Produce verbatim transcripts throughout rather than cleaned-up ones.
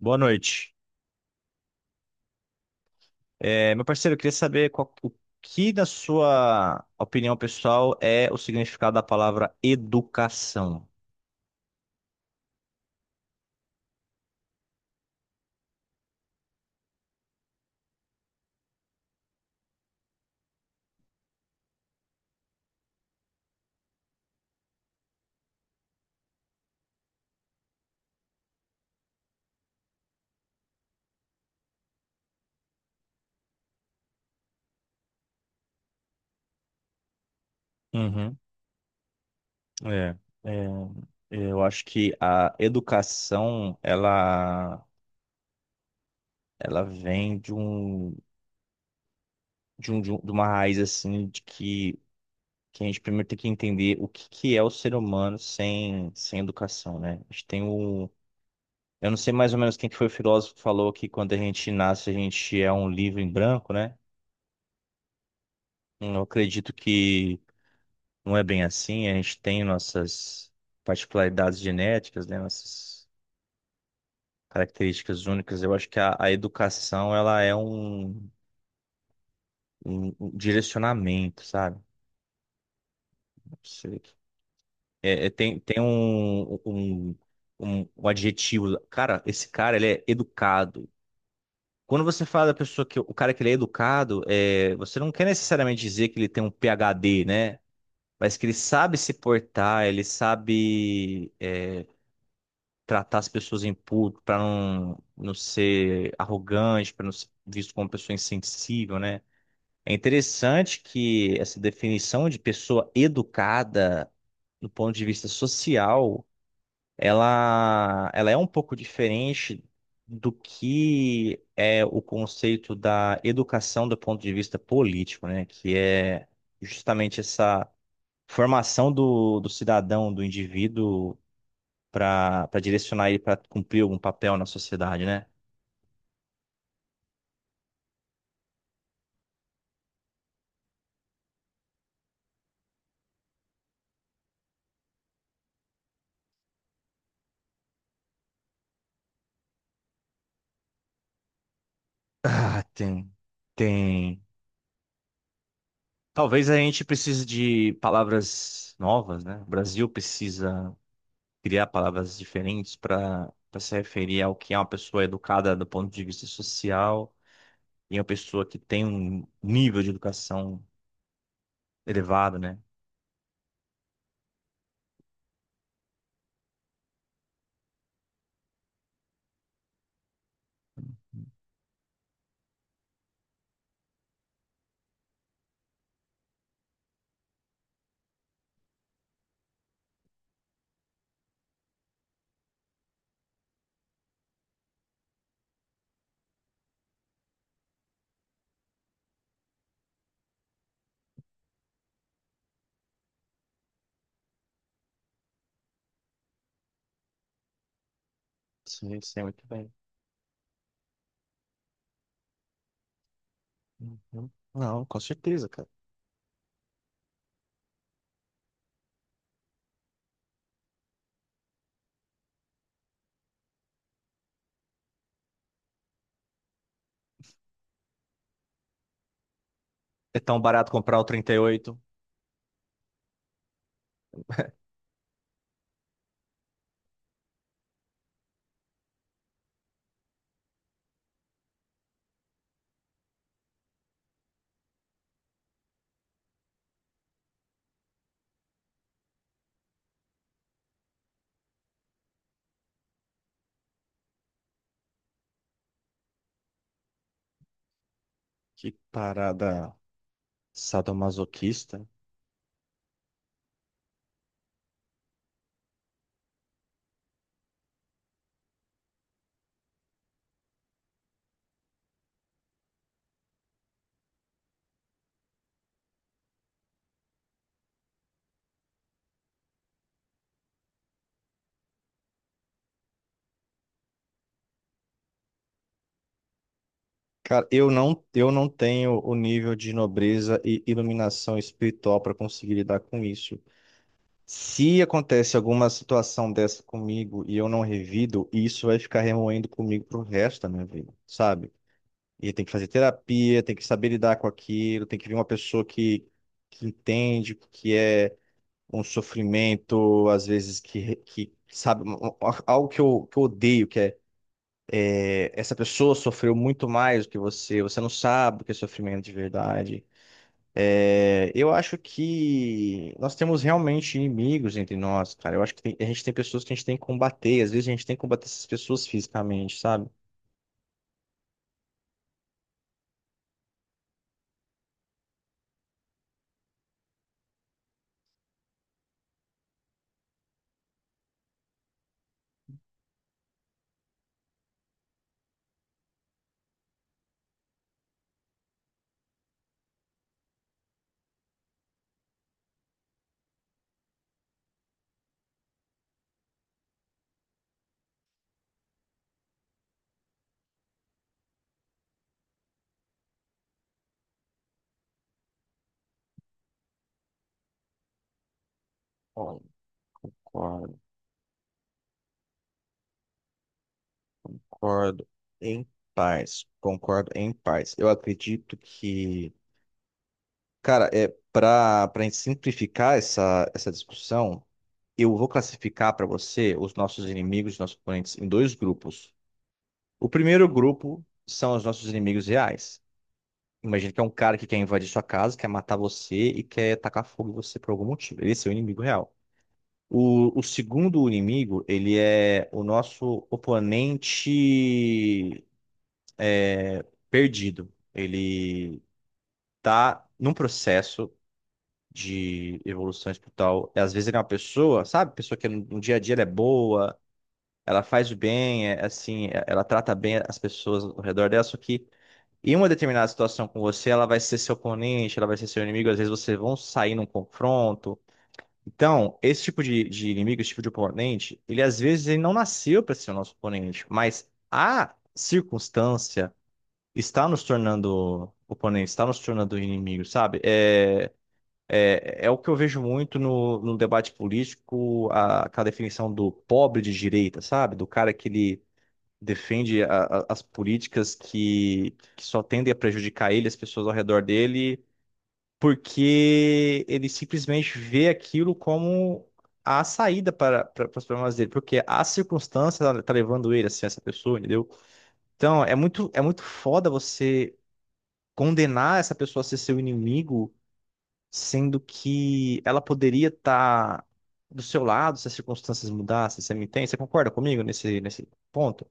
Boa noite. É, meu parceiro, eu queria saber qual- o que, na sua opinião pessoal, é o significado da palavra educação. Uhum. É, é, eu acho que a educação, ela, ela vem de um, de um, de um- de uma raiz, assim, de que, que a gente primeiro tem que entender o que, que é o ser humano sem, sem educação, né? A gente tem um. Eu não sei mais ou menos quem que foi o filósofo que falou que, quando a gente nasce, a gente é um livro em branco, né? Eu acredito que não é bem assim. A gente tem nossas particularidades genéticas, né? Nossas características únicas. Eu acho que a, a educação ela é um, um- um direcionamento, sabe? Não sei. É, é, tem tem um, um, um, um adjetivo. Cara, esse cara ele é educado. Quando você fala da pessoa, que o cara que ele é educado, é, você não quer necessariamente dizer que ele tem um PhD, né? Mas que ele sabe se portar, ele sabe. é, tratar as pessoas em público, para não, não ser arrogante, para não ser visto como uma pessoa insensível, né? É interessante que essa definição de pessoa educada, do ponto de vista social, ela, ela é um pouco diferente do que é o conceito da educação do ponto de vista político, né? Que é justamente essa formação do, do cidadão, do indivíduo para para direcionar ele para cumprir algum papel na sociedade, né? Ah, tem, tem. Talvez a gente precise de palavras novas, né? O Brasil precisa criar palavras diferentes para para se referir ao que é uma pessoa educada do ponto de vista social e uma pessoa que tem um nível de educação elevado, né? Sim, sim, muito bem. Uhum. Não, com certeza, cara. É tão barato comprar o trinta e oito. Que parada sadomasoquista. Cara, eu não, eu não tenho o nível de nobreza e iluminação espiritual para conseguir lidar com isso. Se acontece alguma situação dessa comigo e eu não revido, isso vai ficar remoendo comigo pro resto da minha vida, sabe? E tem que fazer terapia, tem que saber lidar com aquilo, tem que vir uma pessoa que, que entende o que é um sofrimento, às vezes que, que sabe, um- um- algo que eu, que eu odeio, é, essa pessoa sofreu muito mais do que você, você não sabe o que é sofrimento de verdade. É, eu acho que nós temos realmente inimigos entre nós, cara. Eu acho que tem- a gente tem pessoas que a gente tem que combater, às vezes a gente tem que combater essas pessoas fisicamente, sabe? Concordo, concordo em paz, concordo em paz. Eu acredito que, cara, é para para simplificar essa, essa discussão, eu vou classificar para você os nossos inimigos, nossos oponentes em dois grupos. O primeiro grupo são os nossos inimigos reais. Imagina que é um cara que quer invadir sua casa, quer matar você e quer tacar fogo em você por algum motivo. Esse é o inimigo real. O, o segundo inimigo, ele é o nosso oponente perdido. Ele tá num processo de evolução espiritual. Às vezes ele é uma pessoa, sabe? Pessoa que no no dia a dia ela é boa, ela faz o bem, é, assim, é- ela trata bem as pessoas ao redor dela, só que em uma determinada situação com você, ela vai ser seu oponente, ela vai ser seu inimigo, às vezes vocês vão sair num confronto. Então, esse tipo de, de inimigo, esse tipo de oponente, ele às vezes ele não nasceu para ser o nosso oponente, mas a circunstância está nos tornando oponente, está nos tornando inimigo, sabe? É, é, é o que eu vejo muito no, no debate político, a, aquela definição do pobre de direita, sabe? Do cara que ele defende a- a- as políticas que, que só tendem a prejudicar ele, as pessoas ao redor dele, porque ele simplesmente vê aquilo como a saída para, para, para os problemas dele, porque a circunstância tá, tá levando ele a ser essa pessoa, entendeu? Então, é muito, é muito foda você condenar essa pessoa a ser seu inimigo, sendo que ela poderia estar do seu lado se as circunstâncias mudassem, você me entende? Você concorda comigo nesse, nesse ponto?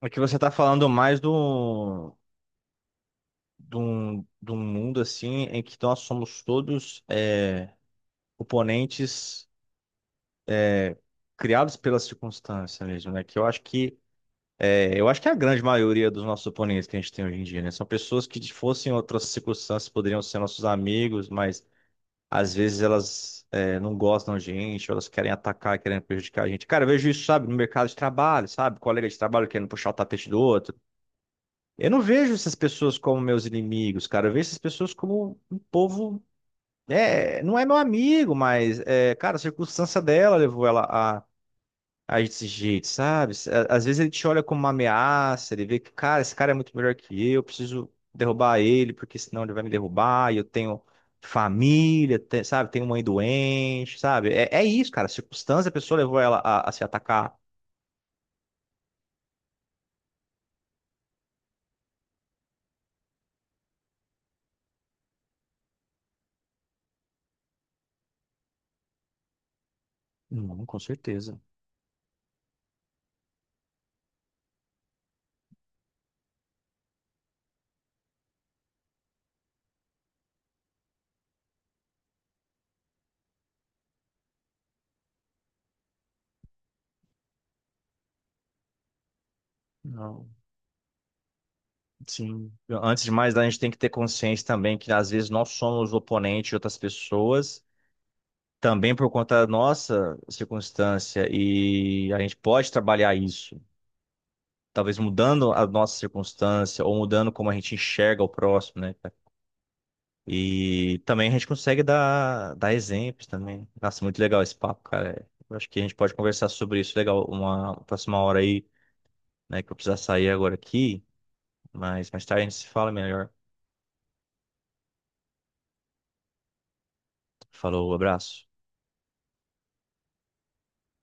É que você está falando mais do, de um, de um mundo assim em que, então, nós somos todos é, oponentes criados pela circunstância mesmo, né? Que eu acho que é, eu acho que é a grande maioria dos nossos oponentes que a gente tem hoje em dia, né? São pessoas que, se fossem outras circunstâncias, poderiam ser nossos amigos, mas às vezes elas é, não gostam da gente, ou elas querem atacar, querem prejudicar a gente. Cara, eu vejo isso, sabe, no mercado de trabalho, sabe? Colega de trabalho querendo puxar o tapete do outro. Eu não vejo essas pessoas como meus inimigos, cara. Eu vejo essas pessoas como um povo. É, não é meu amigo, mas, é, cara, a circunstância dela levou ela a, a esse jeito, sabe? À- Às vezes ele te olha como uma ameaça, ele vê que, cara, esse cara é muito melhor que eu, eu preciso derrubar ele, porque senão ele vai me derrubar, e eu tenho família, te- sabe? Tenho mãe doente, sabe? É, é isso, cara. A circunstância, a pessoa levou ela a, a se atacar. Não, com certeza. Não. Sim. Antes de mais, a gente tem que ter consciência também que às vezes nós somos o oponente de outras pessoas, também por conta da nossa circunstância, e a gente pode trabalhar isso, talvez mudando a nossa circunstância ou mudando como a gente enxerga o próximo, né, cara? E também a gente consegue dar, dar exemplos também. Nossa, muito legal esse papo, cara. Eu acho que a gente pode conversar sobre isso, legal, uma próxima hora aí, né, que eu vou precisar sair agora aqui, mas mais tarde a gente se fala melhor. Falou, abraço.